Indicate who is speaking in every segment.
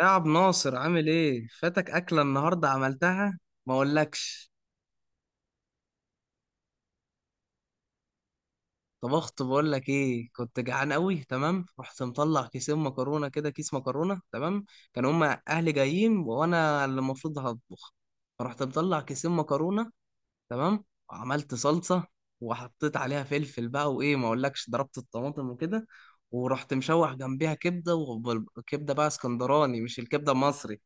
Speaker 1: يا عبد ناصر، عامل ايه؟ فاتك اكله النهارده عملتها. ما اقولكش. طبخت، بقول لك ايه، كنت جعان قوي. تمام، رحت مطلع كيسين مكرونه، كده كيس مكرونه. تمام، كان هما اهلي جايين وانا اللي المفروض هطبخ، فرحت مطلع كيسين مكرونه. تمام، وعملت صلصه، وحطيت عليها فلفل بقى، وايه ما اقولكش، ضربت الطماطم وكده. ورحت مشوح جنبيها كبده، وكبده بقى اسكندراني مش الكبده المصري.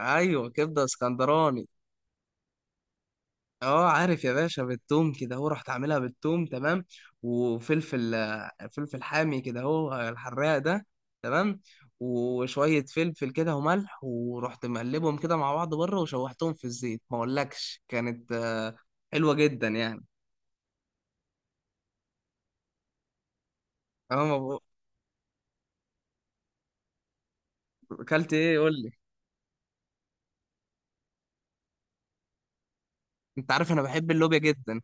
Speaker 1: ايوه كبده اسكندراني. اه عارف يا باشا، بالثوم كده، هو رحت عاملها بالثوم. تمام، وفلفل، فلفل حامي كده، هو الحراق ده. تمام، وشوية فلفل كده وملح، ورحت مقلبهم كده مع بعض بره، وشوحتهم في الزيت، ما اقولكش كانت حلوة جدا يعني. انا ما بق- اكلت ايه قول لي. انت عارف انا بحب اللوبيا جدا.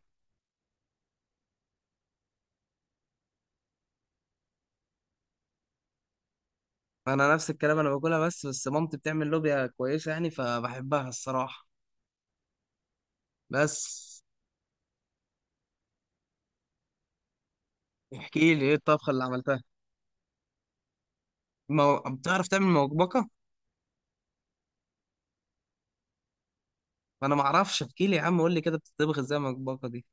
Speaker 1: انا نفس الكلام، انا باكلها بس، بس مامتي بتعمل لوبيا كويسة يعني، فبحبها الصراحة. بس احكي لي، ايه الطبخة اللي عملتها؟ ما بتعرف تعمل مبكبكة. ما انا ما اعرفش، احكي لي يا عم، قول لي كده بتطبخ ازاي المطبخه دي.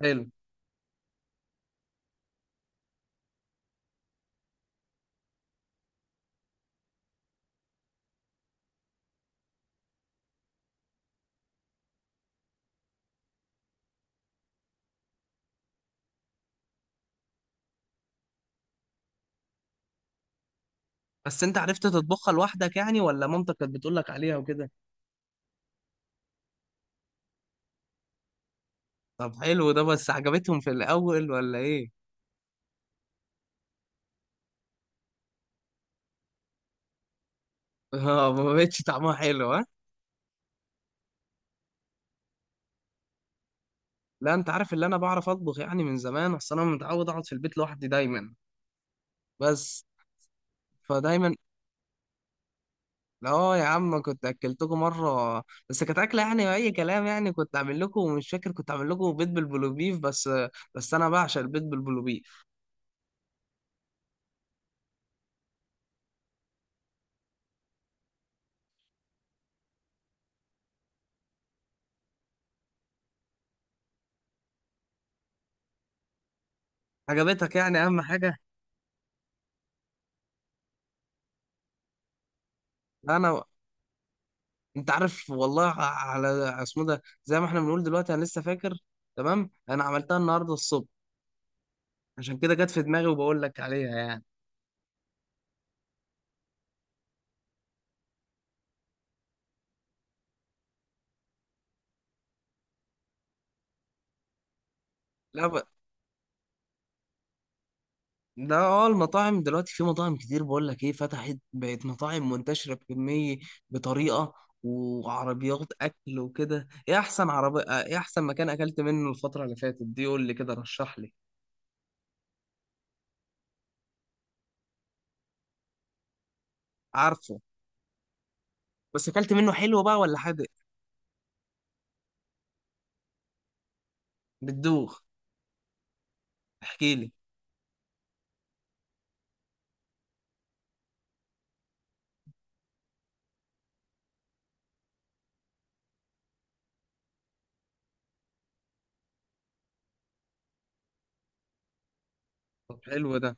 Speaker 1: حلو. بس انت عرفت تطبخها لوحدك يعني، ولا مامتك كانت بتقول لك عليها وكده؟ طب حلو ده، بس عجبتهم في الاول ولا ايه؟ اه، ما بقتش طعمها حلو، ها. لا انت عارف، اللي انا بعرف اطبخ يعني من زمان، اصل انا متعود اقعد في البيت لوحدي دايما. بس فدايما. اه يا عم، كنت اكلتكم مره، بس كانت اكله يعني اي كلام، يعني كنت اعمل لكم، مش فاكر كنت اعمل لكم بيض بالبلوبيف بس. بس انا بعشق البيض بالبلوبيف. عجبتك يعني، اهم حاجه. انا، انت عارف والله على اسمه ده، زي ما احنا بنقول دلوقتي انا لسه فاكر. تمام، انا عملتها النهارده الصبح، عشان كده جت في دماغي وبقول لك عليها يعني. لا ب... لا، اه المطاعم دلوقتي في مطاعم كتير، بقول لك ايه، فتحت بقت مطاعم منتشره بكميه، بطريقه. وعربيات اكل وكده، ايه احسن عربي، ايه احسن مكان اكلت منه الفتره اللي فاتت دي؟ قول لي كده، رشح لي. عارفه. بس اكلت منه حلو بقى ولا حادق؟ بتدوخ. احكي لي. طب حلو ده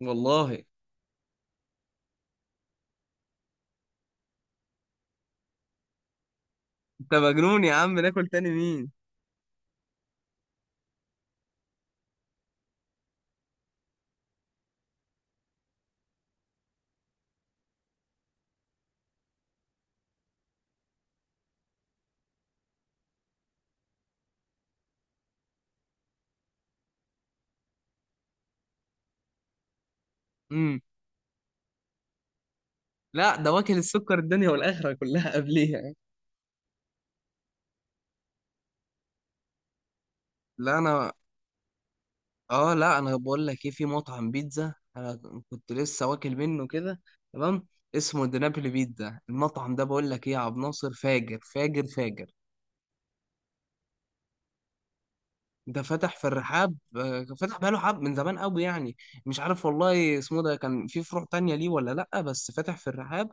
Speaker 1: والله. انت مجنون يا عم، ناكل تاني مين؟ امم لا ده واكل السكر الدنيا والاخره كلها قبليها. لا انا، اه لا انا بقول لك ايه، في مطعم بيتزا انا كنت لسه واكل منه كده. تمام، اسمه نابولي بيتزا، المطعم ده بقول لك ايه يا عبد ناصر، فاجر فاجر فاجر. ده فتح في الرحاب، فتح بقاله حب من زمان قوي يعني. مش عارف والله اسمه ده كان في فروع تانية ليه ولا لأ، بس فتح في الرحاب.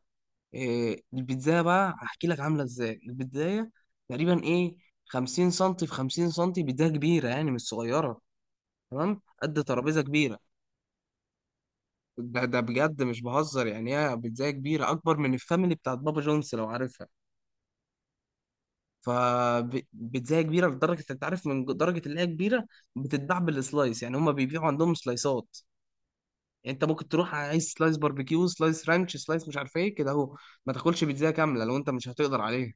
Speaker 1: إيه البيتزا بقى، هحكي لك عامله ازاي البيتزاية. تقريبا ايه، 50 سنتي في 50 سنتي، بيتزا كبيره يعني مش صغيره. تمام، قد ترابيزه كبيره. ده بجد مش بهزر، يعني هي بيتزا كبيره، اكبر من الفاميلي بتاعت بابا جونز لو عارفها. فبيتزا كبيره لدرجه، انت عارف من درجه اللي هي كبيره، بتتباع بالسلايس. يعني هما بيبيعوا عندهم سلايسات، يعني انت ممكن تروح عايز سلايس باربيكيو، سلايس رانش، سلايس مش عارف ايه كده اهو. ما تاكلش بيتزا كامله لو انت مش هتقدر عليها.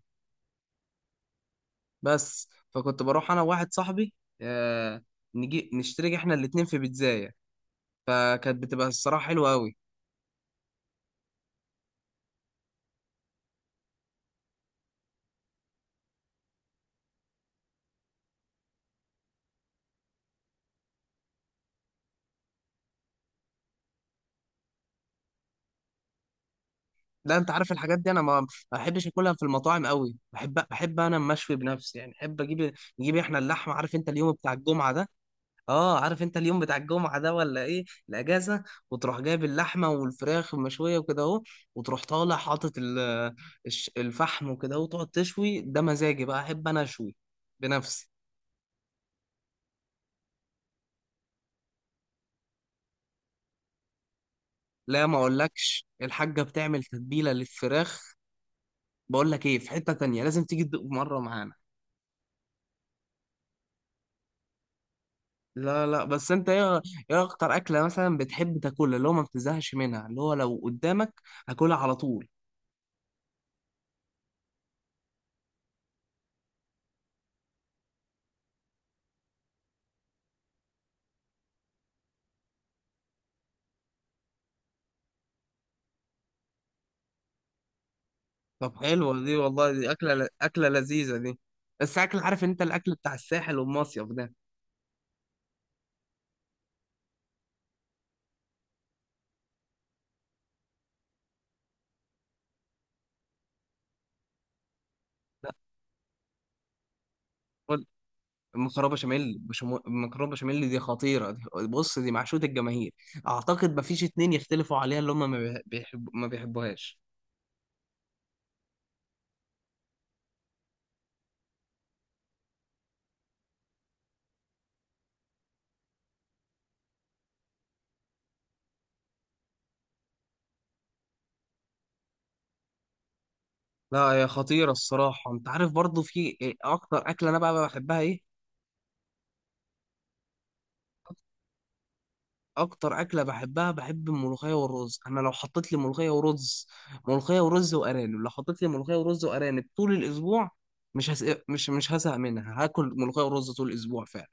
Speaker 1: بس. فكنت بروح انا وواحد صاحبي، آه نجي نشترك احنا الاتنين في بيتزاية. فكانت بتبقى الصراحة حلوة قوي. لا انت عارف الحاجات دي انا ما بحبش اكلها في المطاعم قوي، بحب انا مشوي بنفسي، يعني احب اجيب، نجيب احنا اللحمة، عارف انت اليوم بتاع الجمعة ده. اه عارف انت اليوم بتاع الجمعة ده، ولا ايه الاجازة، وتروح جايب اللحمة والفراخ المشوية وكده اهو، وتروح طالع حاطط الفحم وكده اهو، وتقعد تشوي. ده مزاجي بقى، احب انا اشوي بنفسي. لا ما اقولكش، الحاجة بتعمل تتبيلة للفراخ. بقول لك ايه، في حتة تانية لازم تيجي تدوق مرة معانا. لا لا، بس انت ايه، ايه اكتر اكلة مثلا بتحب تاكلها، اللي هو ما بتزهقش منها، اللي هو لو قدامك هاكلها على طول؟ طب حلوة دي والله، دي اكلة اكلة لذيذة دي. بس اكل، عارف انت الاكل بتاع الساحل والمصيف ده. لا قول- المكرونه بشاميل، المكرونه بشاميل دي خطيره دي. بص دي معشوقة الجماهير، اعتقد ما فيش اتنين يختلفوا عليها، اللي هم ما بيحب... ما بيحبوهاش. لا هي خطيرة الصراحة، انت عارف برضو في إيه اكتر اكلة انا بقى بحبها ايه؟ اكتر اكلة بحبها، بحب الملوخية والرز. انا لو حطيت لي ملوخية ورز، ملوخية ورز وارانب، لو حطيت لي ملوخية ورز وارانب طول الاسبوع، مش هس... مش مش هزهق منها، هاكل ملوخية ورز طول الاسبوع فعلا.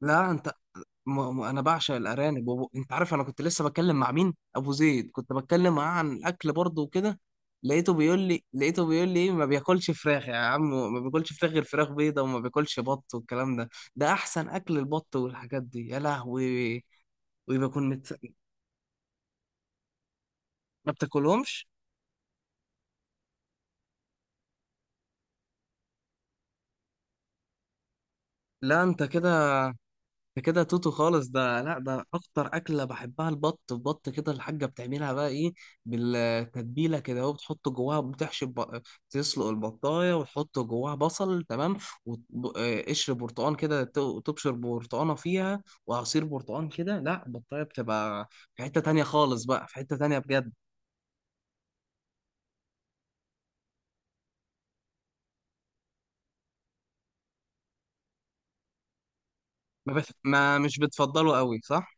Speaker 1: لا انت، م- م- انا بعشق الارانب وب... انت عارف، انا كنت لسه بتكلم مع مين، ابو زيد كنت بتكلم معاه عن الاكل برضه وكده. لقيته بيقول لي، لقيته بيقول لي ايه، ما بياكلش فراخ يا عم، ما بياكلش فراخ غير فراخ بيضه، وما بياكلش بط والكلام ده. ده احسن اكل البط والحاجات دي، يا لهوي. ويبقى يكون مت... ما بتاكلهمش. لا انت كده، ده كده توتو خالص ده. لا ده اكتر اكله بحبها البط. البط كده، الحاجه بتعملها بقى ايه، بالتتبيله كده اهو، بتحط جواها بتحشي الب... تسلق البطايه وتحط جواها بصل. تمام، وقشر برتقان كده، تبشر برتقانه فيها، وعصير برتقان كده. لا البطايه بتبقى في حته تانية خالص بقى، في حته تانية بجد. ما، بت... ما مش بتفضله قوي صح؟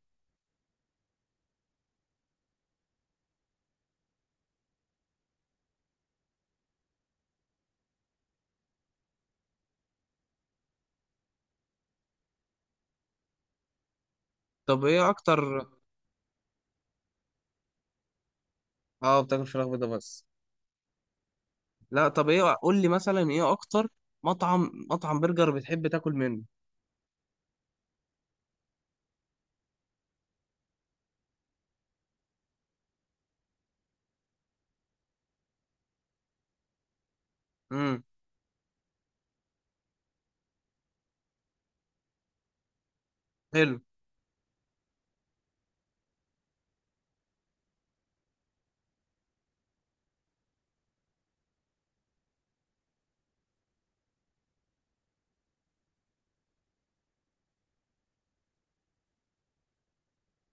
Speaker 1: طب ايه اكتر، اه بتاكل فراخ بيضه بس؟ لا طب ايه قول لي مثلا ايه اكتر، مطعم برجر بتحب تاكل منه؟ امم حلو.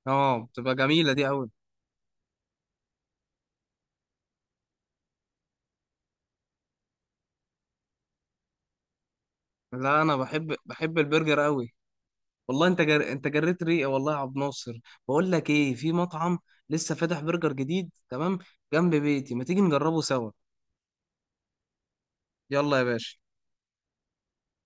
Speaker 1: اه بتبقى جميله دي قوي. لا انا بحب البرجر قوي. والله انت جر... انت جريت ريقي والله يا عبد ناصر. بقول لك ايه، في مطعم لسه فاتح برجر جديد، تمام، جنب بيتي، ما تيجي نجربه سوا. يلا يا باشا.